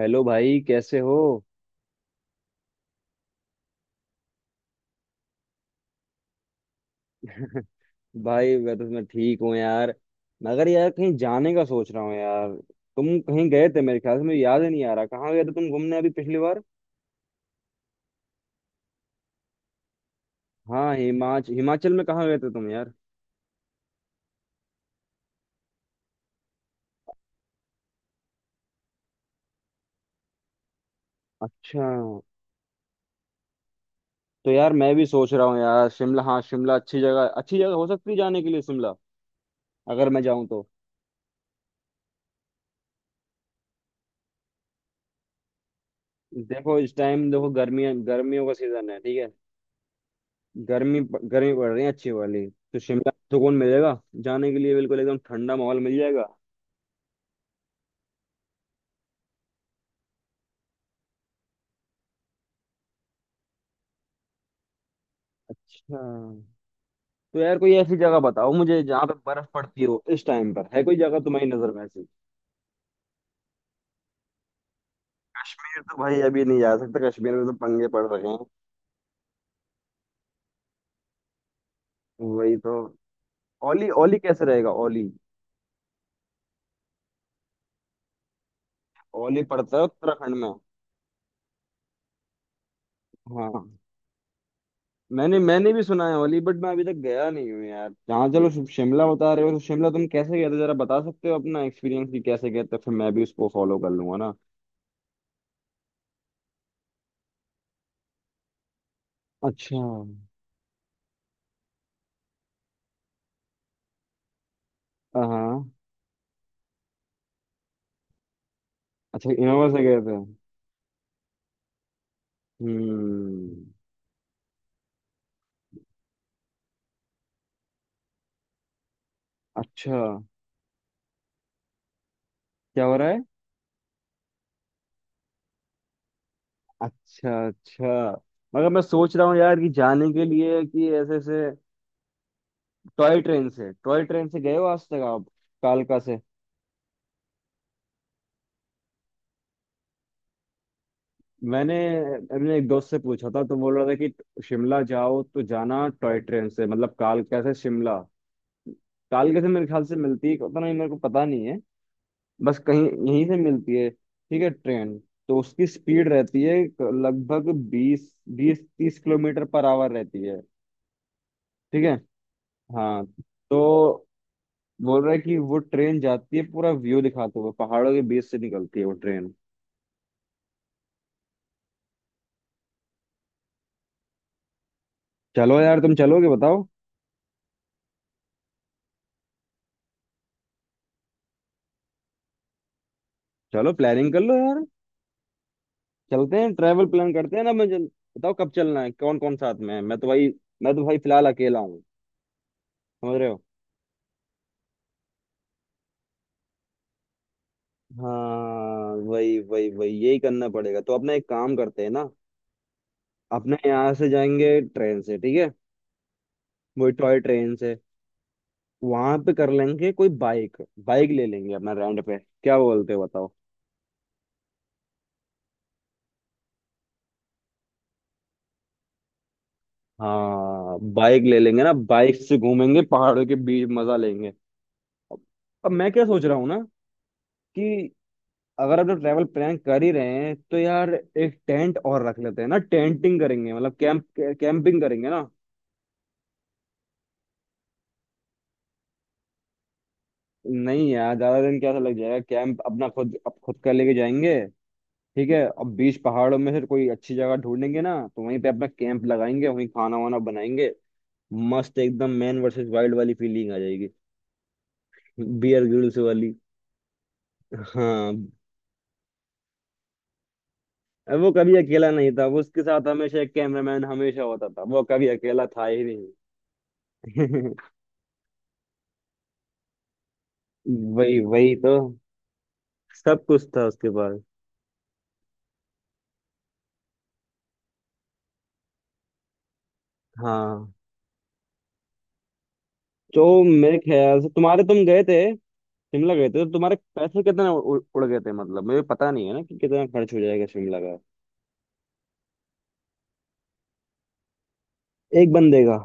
Hello भाई कैसे हो। भाई मैं ठीक हूँ यार। मगर यार कहीं जाने का सोच रहा हूँ यार। तुम कहीं गए थे मेरे ख्याल से, मुझे याद ही नहीं आ रहा कहाँ गए थे तुम घूमने अभी पिछली बार। हाँ, हिमाचल। हिमाचल में कहाँ गए थे तुम यार? अच्छा। तो यार मैं भी सोच रहा हूँ यार शिमला। हाँ शिमला अच्छी जगह, अच्छी जगह हो सकती है जाने के लिए शिमला, अगर मैं जाऊँ तो। देखो इस टाइम देखो गर्मी, गर्मियों का सीजन है, ठीक है। गर्मी, गर्मी पड़ रही है अच्छी वाली। तो शिमला में सुकून मिलेगा जाने के लिए, बिल्कुल एकदम ठंडा माहौल मिल जाएगा। अच्छा। तो यार कोई ऐसी जगह बताओ मुझे जहाँ पे बर्फ पड़ती हो इस टाइम पर, है कोई जगह तुम्हारी नजर में ऐसी? कश्मीर तो भाई अभी नहीं जा सकता, कश्मीर में तो पंगे पड़ रहे हैं। वही तो। ओली, ओली कैसे रहेगा ओली? ओली पड़ता है उत्तराखंड में। हाँ। मैंने मैंने भी सुना है ओली, बट मैं अभी तक गया नहीं हूँ यार। जहाँ चलो, शिमला बता रहे हो तो शिमला तुम कैसे गए थे जरा बता सकते हो अपना एक्सपीरियंस, कि कैसे गए थे फिर मैं भी उसको फॉलो कर लूंगा ना। अच्छा। हाँ। अच्छा, इनोवा से गए थे। हम्म। अच्छा, क्या हो रहा है? अच्छा अच्छा। मगर मैं सोच रहा हूँ यार कि जाने के लिए कि ऐसे ऐसे टॉय ट्रेन से, टॉय ट्रेन से गए हो आज तक आप, कालका से? मैंने मैंने एक दोस्त से पूछा था तो बोल रहा था कि शिमला जाओ तो जाना टॉय ट्रेन से, मतलब कालका से शिमला। कालका से मेरे ख्याल से मिलती है, पता नहीं, मेरे को पता नहीं है बस कहीं यहीं से मिलती है ठीक है ट्रेन। तो उसकी स्पीड रहती है लगभग बीस बीस तीस किलोमीटर पर आवर रहती है, ठीक है। हाँ। तो बोल रहा है कि वो ट्रेन जाती है पूरा व्यू दिखाते हुए, पहाड़ों के बीच से निकलती है वो ट्रेन। चलो यार, तुम चलोगे बताओ? चलो प्लानिंग कर लो यार, चलते हैं, ट्रैवल प्लान करते हैं ना। बताओ कब चलना है, कौन कौन साथ में है। मैं तो भाई, मैं तो भाई फिलहाल अकेला हूँ, समझ रहे हो। हाँ वही वही वही, यही करना पड़ेगा। तो अपना एक काम करते हैं ना, अपने यहाँ से जाएंगे ट्रेन से, ठीक है, वही टॉय ट्रेन से। वहां पे कर लेंगे कोई बाइक, बाइक ले लेंगे अपना रेंट पे, क्या बोलते हो बताओ। हाँ बाइक ले लेंगे ना, बाइक से घूमेंगे पहाड़ों के बीच, मजा लेंगे। अब अब मैं क्या सोच रहा हूँ ना कि अगर हम लोग ट्रैवल प्लान कर ही रहे हैं तो यार एक टेंट और रख लेते हैं ना, टेंटिंग करेंगे मतलब कैंप, कैंपिंग करेंगे ना। नहीं यार ज्यादा दिन क्या लग जाएगा, कैंप अपना खुद, अब खुद कर लेके जाएंगे, ठीक है। अब बीच पहाड़ों में से कोई अच्छी जगह ढूंढेंगे ना तो वहीं पे अपना कैंप लगाएंगे, वहीं खाना वाना बनाएंगे। मस्त एकदम मैन वर्सेस वाइल्ड वाली फीलिंग आ जाएगी, बियर ग्रिल्स वाली। हाँ, अब वो कभी अकेला नहीं था, वो उसके साथ हमेशा एक कैमरामैन हमेशा होता था, वो कभी अकेला था ही नहीं। वही वही तो। सब कुछ था उसके पास। हाँ। तो मेरे ख्याल से तुम्हारे, तुम गए थे शिमला गए थे तो तुम्हारे पैसे कितने उड़ गए थे, मतलब मुझे पता नहीं है ना कि कितना खर्च हो जाएगा शिमला का, एक बंदे का।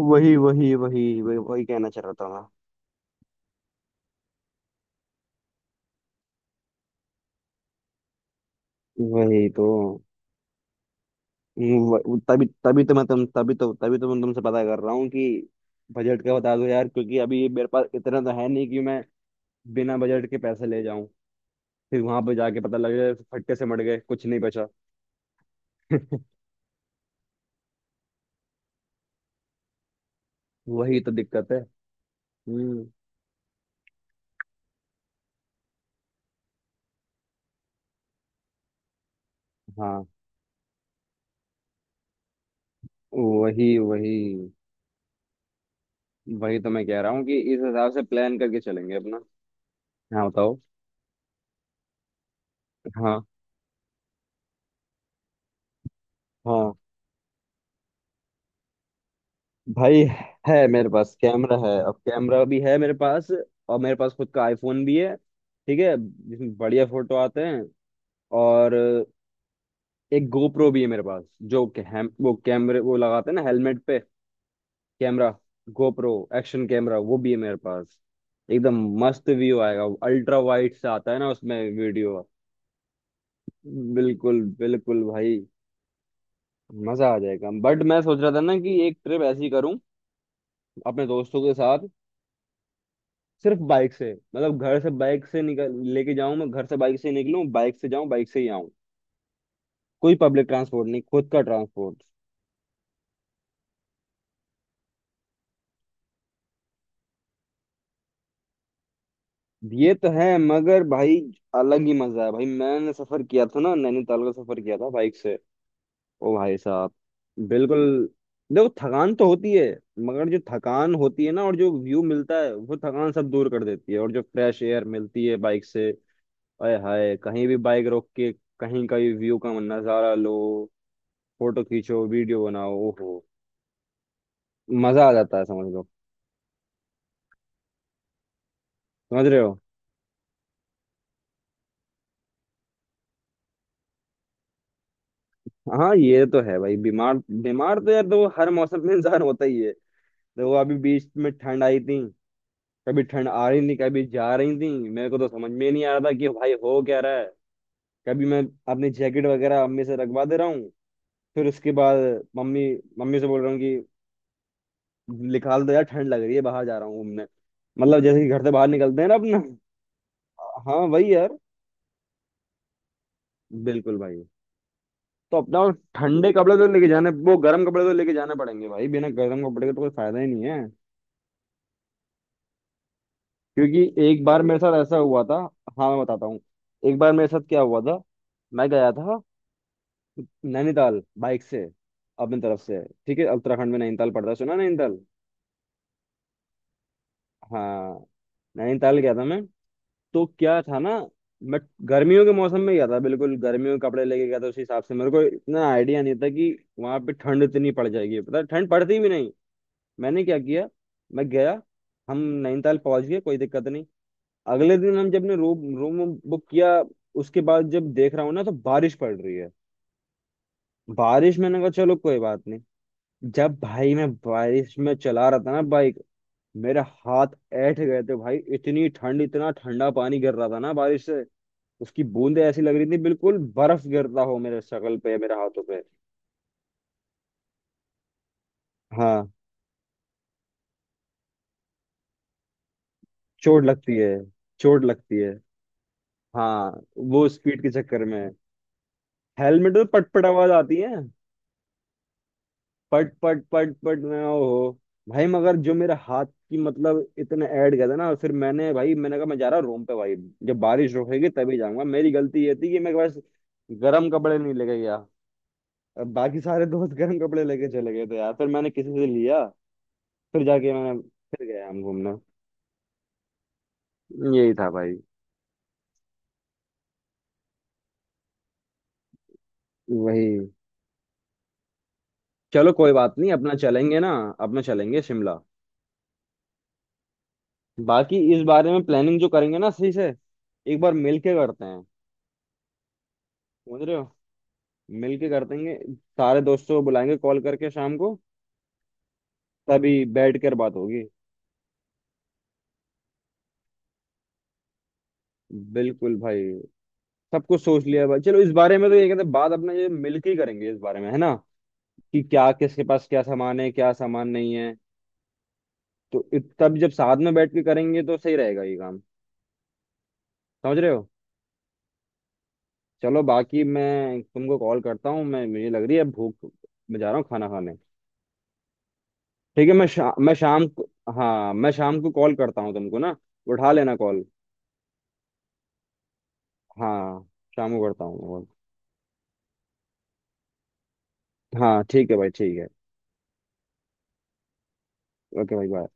वही वही वही वही वही कहना चाह रहा था, मैं वही तो। वो- तभी तभी तो मैं तुम तभी तो मैं तुमसे पता कर रहा हूँ कि बजट का बता दो यार, क्योंकि अभी मेरे पास इतना तो है नहीं कि मैं बिना बजट के पैसे ले जाऊं, फिर वहां पे जाके पता लगे फटके से मर गए, कुछ नहीं बचा। वही तो दिक्कत है। हम्म। हाँ वही वही। वही तो मैं कह रहा हूँ कि इस हिसाब से प्लान करके चलेंगे अपना। हाँ बताओ। हाँ हाँ भाई, है, मेरे पास कैमरा है, अब कैमरा भी है मेरे पास, और मेरे पास खुद का आईफोन भी है, ठीक है, जिसमें बढ़िया फोटो आते हैं। और एक गोप्रो भी है मेरे पास, जो कि हम वो कैमरे वो लगाते हैं ना हेलमेट पे कैमरा, गोप्रो, एक्शन कैमरा, वो भी है मेरे पास। एकदम मस्त व्यू आएगा, अल्ट्रा वाइड से आता है ना उसमें वीडियो। बिल्कुल बिल्कुल भाई। मजा आ जाएगा, बट मैं सोच रहा था ना कि एक ट्रिप ऐसी करूं अपने दोस्तों के साथ सिर्फ बाइक से, मतलब घर से बाइक से निकल लेके जाऊं, मैं घर से बाइक से निकलूं, बाइक से जाऊं, बाइक से ही आऊं, कोई पब्लिक ट्रांसपोर्ट नहीं, खुद का ट्रांसपोर्ट। ये तो है मगर भाई अलग ही मजा है भाई। मैंने सफर किया था ना, नैनीताल का सफर किया था बाइक से, ओ भाई साहब, बिल्कुल। देखो थकान तो होती है, मगर जो थकान होती है ना और जो व्यू मिलता है वो थकान सब दूर कर देती है, और जो फ्रेश एयर मिलती है बाइक से, अय हाय, कहीं भी बाइक रोक के कहीं का भी व्यू का नजारा लो, फोटो खींचो, वीडियो बनाओ, ओहो, मजा आ जाता है समझ लो, समझ रहे हो। हाँ ये तो है भाई, बीमार। बीमार तो यार देखो हर मौसम में इंसान होता ही है। देखो अभी बीच में ठंड आई थी, कभी ठंड आ रही थी कभी जा रही थी, मेरे को तो समझ में नहीं आ रहा था कि भाई हो क्या रहा है। कभी मैं अपनी जैकेट वगैरह अम्मी से रखवा दे रहा हूँ, फिर उसके बाद मम्मी मम्मी से बोल रहा हूँ कि निकाल दो यार ठंड लग रही है, बाहर जा रहा हूँ घूमने, मतलब जैसे कि घर से बाहर निकलते हैं ना अपना। हाँ वही यार, बिल्कुल भाई। तो अपना ठंडे कपड़े तो लेके जाने, वो गर्म कपड़े तो लेके जाने पड़ेंगे भाई, बिना गर्म कपड़े के तो कोई फायदा ही नहीं है। क्योंकि एक बार मेरे साथ ऐसा हुआ था, हाँ मैं बताता हूँ, एक बार मेरे साथ क्या हुआ था, मैं गया था नैनीताल बाइक से, अपनी तरफ से, ठीक है उत्तराखंड में नैनीताल पड़ता है, सुना नैनीताल? हाँ। नैनीताल गया था मैं, तो क्या था ना, मैं गर्मियों के मौसम में गया था, बिल्कुल गर्मियों के कपड़े लेके गया था, उस हिसाब से मेरे को इतना आइडिया नहीं था कि वहां पे ठंड इतनी पड़ जाएगी, पता है ठंड पड़ती भी नहीं। मैंने क्या किया, मैं गया, हम नैनीताल पहुंच गए, कोई दिक्कत नहीं। अगले दिन हम जब ने रूम रूम बुक किया, उसके बाद जब देख रहा हूँ ना तो बारिश पड़ रही है, बारिश। मैंने कहा चलो कोई बात नहीं। जब भाई मैं बारिश में चला रहा था ना बाइक, मेरे हाथ ऐंठ गए थे भाई, इतनी ठंड, इतना ठंडा पानी गिर रहा था ना बारिश से, उसकी बूंदें ऐसी लग रही थी बिल्कुल बर्फ गिरता हो मेरे शक्ल पे, मेरे हाथों पे। हाँ चोट लगती है, चोट लगती है। हाँ, वो स्पीड के चक्कर में हेलमेट में पट पट आवाज आती है, पट पट पट पट, मैं ओहो। भाई मगर जो मेरे हाथ की मतलब इतने ऐड गए थे ना, फिर मैंने भाई मैंने कहा मैं जा रहा हूँ रूम पे भाई, जब बारिश रुकेगी तभी जाऊंगा। मेरी गलती ये थी कि मैं बस गर्म कपड़े नहीं लेके गया, अब बाकी सारे दोस्त गर्म कपड़े लेके चले गए थे यार, फिर मैंने किसी से लिया, फिर जाके मैंने, फिर गया हम घूमने, यही था भाई। वही, चलो कोई बात नहीं अपना चलेंगे ना, अपना चलेंगे शिमला। बाकी इस बारे में प्लानिंग जो करेंगे ना सही से, एक बार मिल के करते हैं, समझ रहे हो, मिलके कर देंगे। सारे दोस्तों को बुलाएंगे कॉल करके शाम को, तभी बैठ कर बात होगी। बिल्कुल भाई, सब कुछ सोच लिया भाई, चलो इस बारे में तो ये कहते हैं, बात अपना ये मिलके ही करेंगे इस बारे में, है ना, कि क्या किसके पास क्या सामान है, क्या सामान नहीं है। तो तब जब साथ में बैठ के करेंगे तो सही रहेगा ये काम, समझ रहे हो। चलो बाकी मैं तुमको कॉल करता हूँ, मैं, मुझे लग रही है भूख, मैं जा रहा हूँ खाना खाने, ठीक है। मैं शाम को, हाँ, मैं शाम को कॉल करता हूँ तुमको ना, उठा लेना कॉल। हाँ, शाम को करता हूँ मैं call। हाँ ठीक है भाई, ठीक है। ओके भाई, बाय।